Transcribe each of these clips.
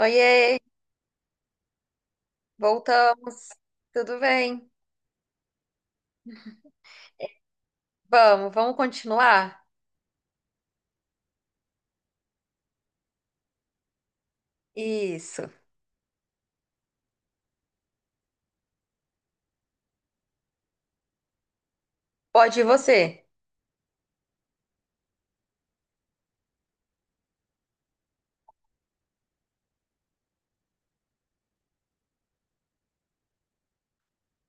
Oiê, voltamos. Tudo bem? Vamos continuar? Isso. Pode ir você.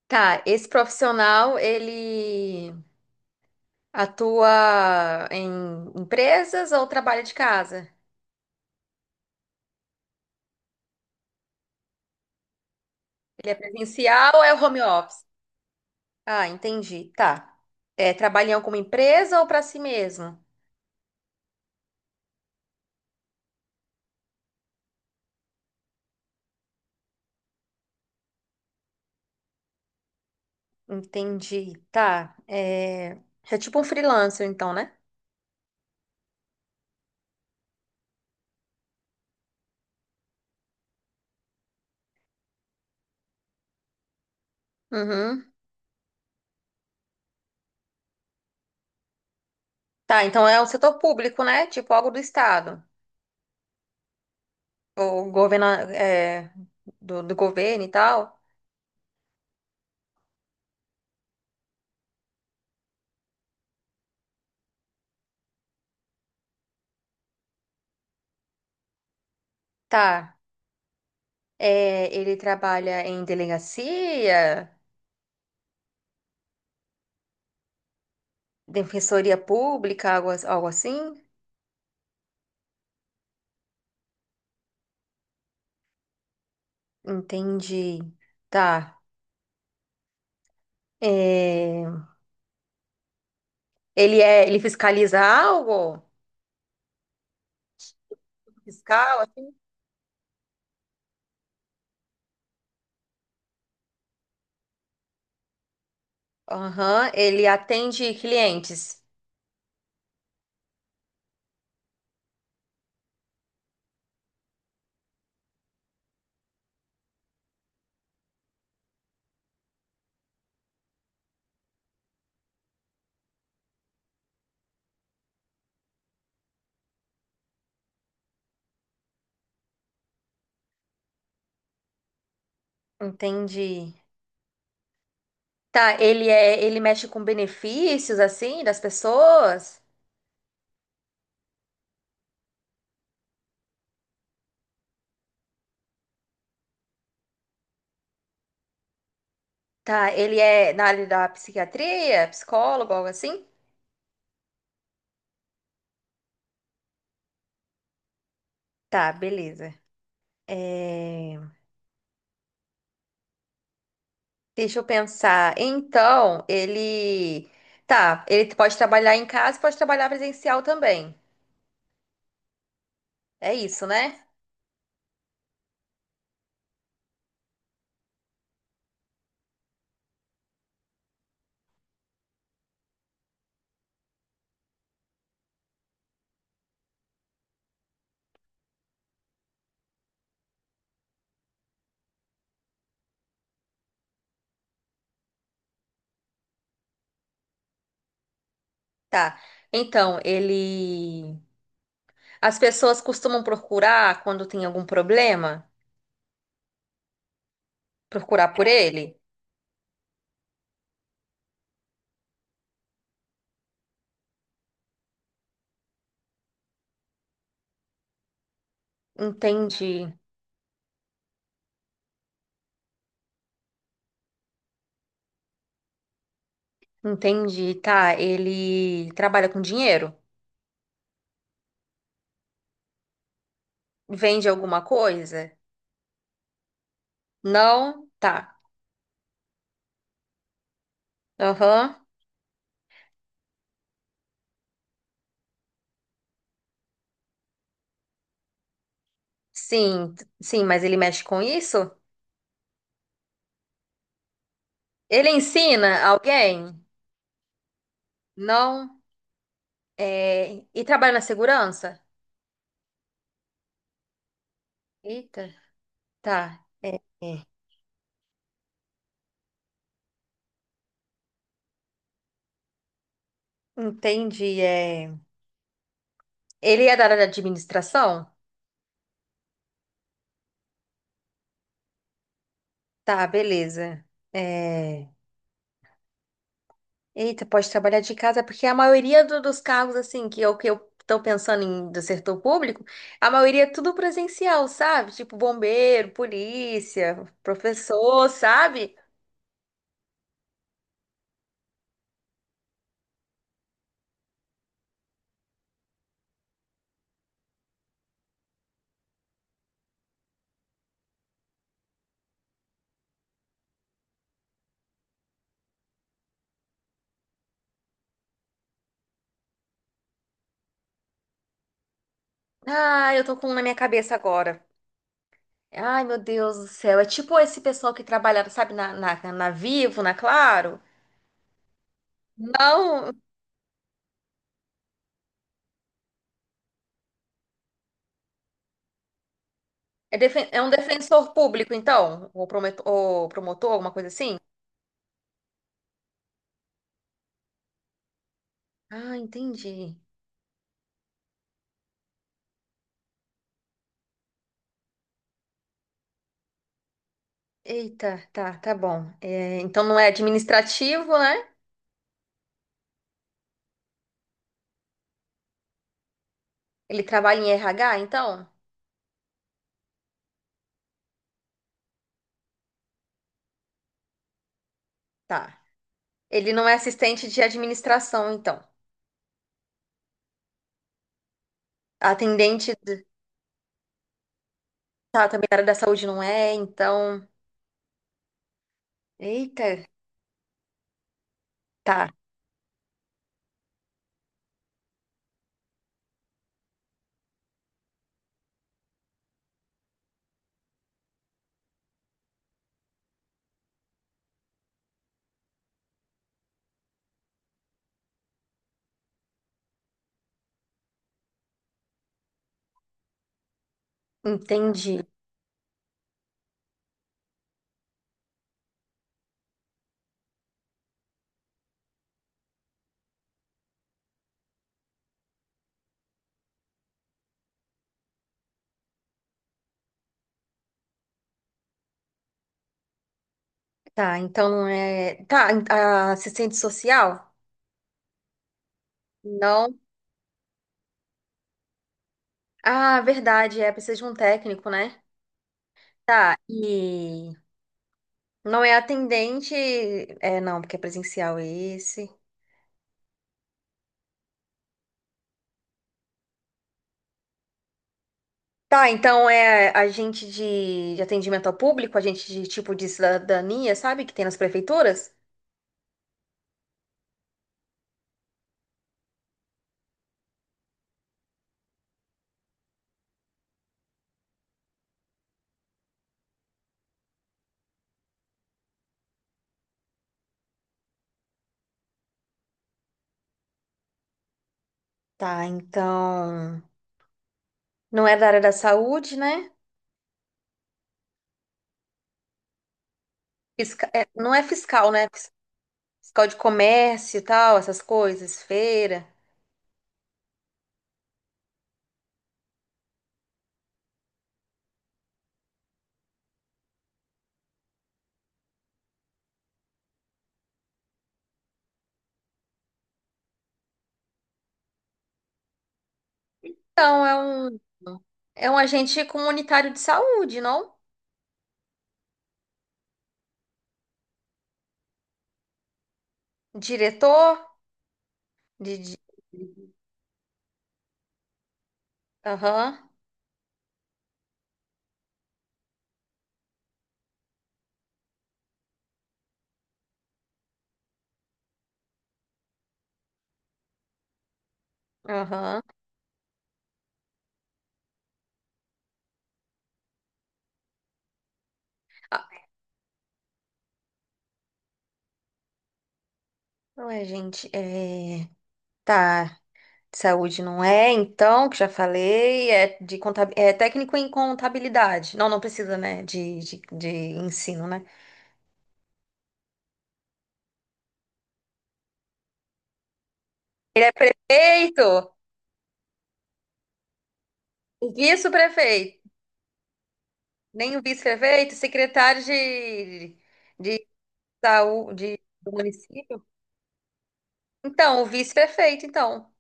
Tá, esse profissional, ele atua em empresas ou trabalha de casa? Ele é presencial ou é home office? Ah, entendi. Tá. É, trabalha em alguma empresa ou para si mesmo? Entendi. Tá. É, é tipo um freelancer, então, né? Uhum. Tá, então é um setor público, né? Tipo algo do estado. O governo é, do governo e tal. Tá. É, ele trabalha em delegacia, defensoria pública, algo, algo assim? Entendi. Tá. É, é, ele fiscaliza algo? Fiscal, assim? Aham, ele atende clientes. Entendi. Tá, ele é, ele mexe com benefícios assim das pessoas? Tá, ele é na área da psiquiatria, psicólogo, algo assim? Tá, beleza. É, deixa eu pensar. Então, ele. Tá, ele pode trabalhar em casa, e pode trabalhar presencial também. É isso, né? Tá. Então, ele. As pessoas costumam procurar quando tem algum problema? Procurar por ele? Entendi. Entendi. Tá, ele trabalha com dinheiro? Vende alguma coisa? Não? Tá. Aham. Sim, sim, mas ele mexe com isso? Ele ensina alguém? Não. É, e trabalha na segurança? Eita, tá. É, é. Entendi. É. Ele é da área de administração? Tá, beleza. É, eita, pode trabalhar de casa, porque a maioria dos cargos, assim, que eu tô pensando em do setor público, a maioria é tudo presencial, sabe? Tipo bombeiro, polícia, professor, sabe? Ah, eu tô com um na minha cabeça agora. Ai, meu Deus do céu. É tipo esse pessoal que trabalhava, sabe, na Vivo, na Claro? Não, é, é um defensor público, então? Ou ou promotor, alguma coisa assim? Ah, entendi. Eita, tá, tá bom. É, então não é administrativo, né? Ele trabalha em RH, então? Tá. Ele não é assistente de administração, então. Atendente, tá, também da área da saúde não é, então. Eita, tá, entendi. Tá, então não é. Tá, a assistente social? Não. Ah, verdade, é, precisa de um técnico, né? Tá, e não é atendente. É, não, porque é presencial esse. Tá, então é agente de atendimento ao público, agente de tipo de cidadania, sabe? Que tem nas prefeituras? Tá, então. Não é da área da saúde, né? É, não é fiscal, né? Fiscal de comércio e tal, essas coisas, feira. Então, é um. É um agente comunitário de saúde, não? Diretor de... aham, aham. Ah, ué, gente, é... Tá, saúde não é, então, que já falei, é de contab... é técnico em contabilidade. Não, não precisa, né, de ensino, né? Ele é prefeito, vice-prefeito, nem o vice-prefeito, secretário de saúde do município. Então, o vice-prefeito, então.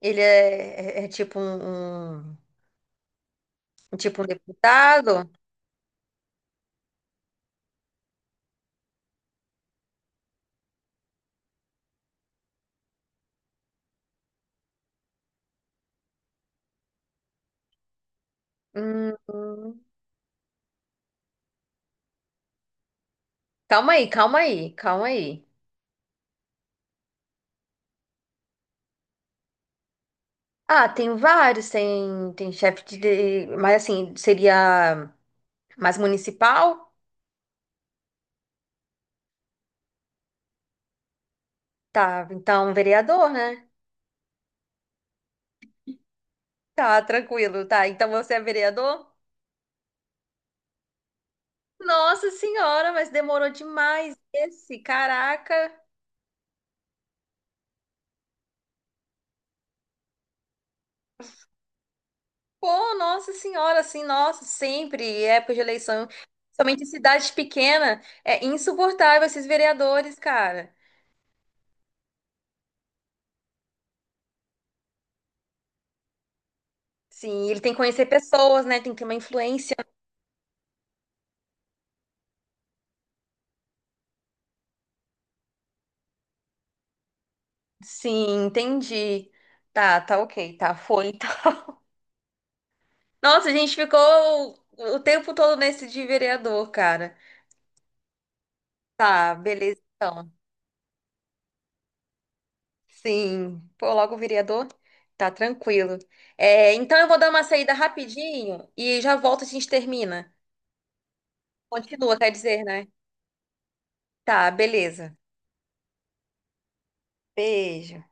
Ele é, é tipo um tipo um deputado? Hum, hum. Calma aí, calma aí, calma aí. Ah, tem vários, tem, tem chefe de, mas assim, seria mais municipal? Tá, então um vereador, né? Tá, tranquilo, tá. Então você é vereador? Nossa senhora, mas demorou demais esse, caraca. Pô, nossa senhora, assim, nossa, sempre, época de eleição, somente em cidades pequenas, é insuportável esses vereadores, cara. Sim, ele tem que conhecer pessoas, né? Tem que ter uma influência. Sim, entendi. Tá, tá ok, tá, foi então. Nossa, a gente ficou o tempo todo nesse de vereador, cara. Tá, beleza então. Sim, pô, logo o vereador. Tá tranquilo. É, então eu vou dar uma saída rapidinho e já volto, a gente termina. Continua, quer dizer, né? Tá, beleza. Beijo.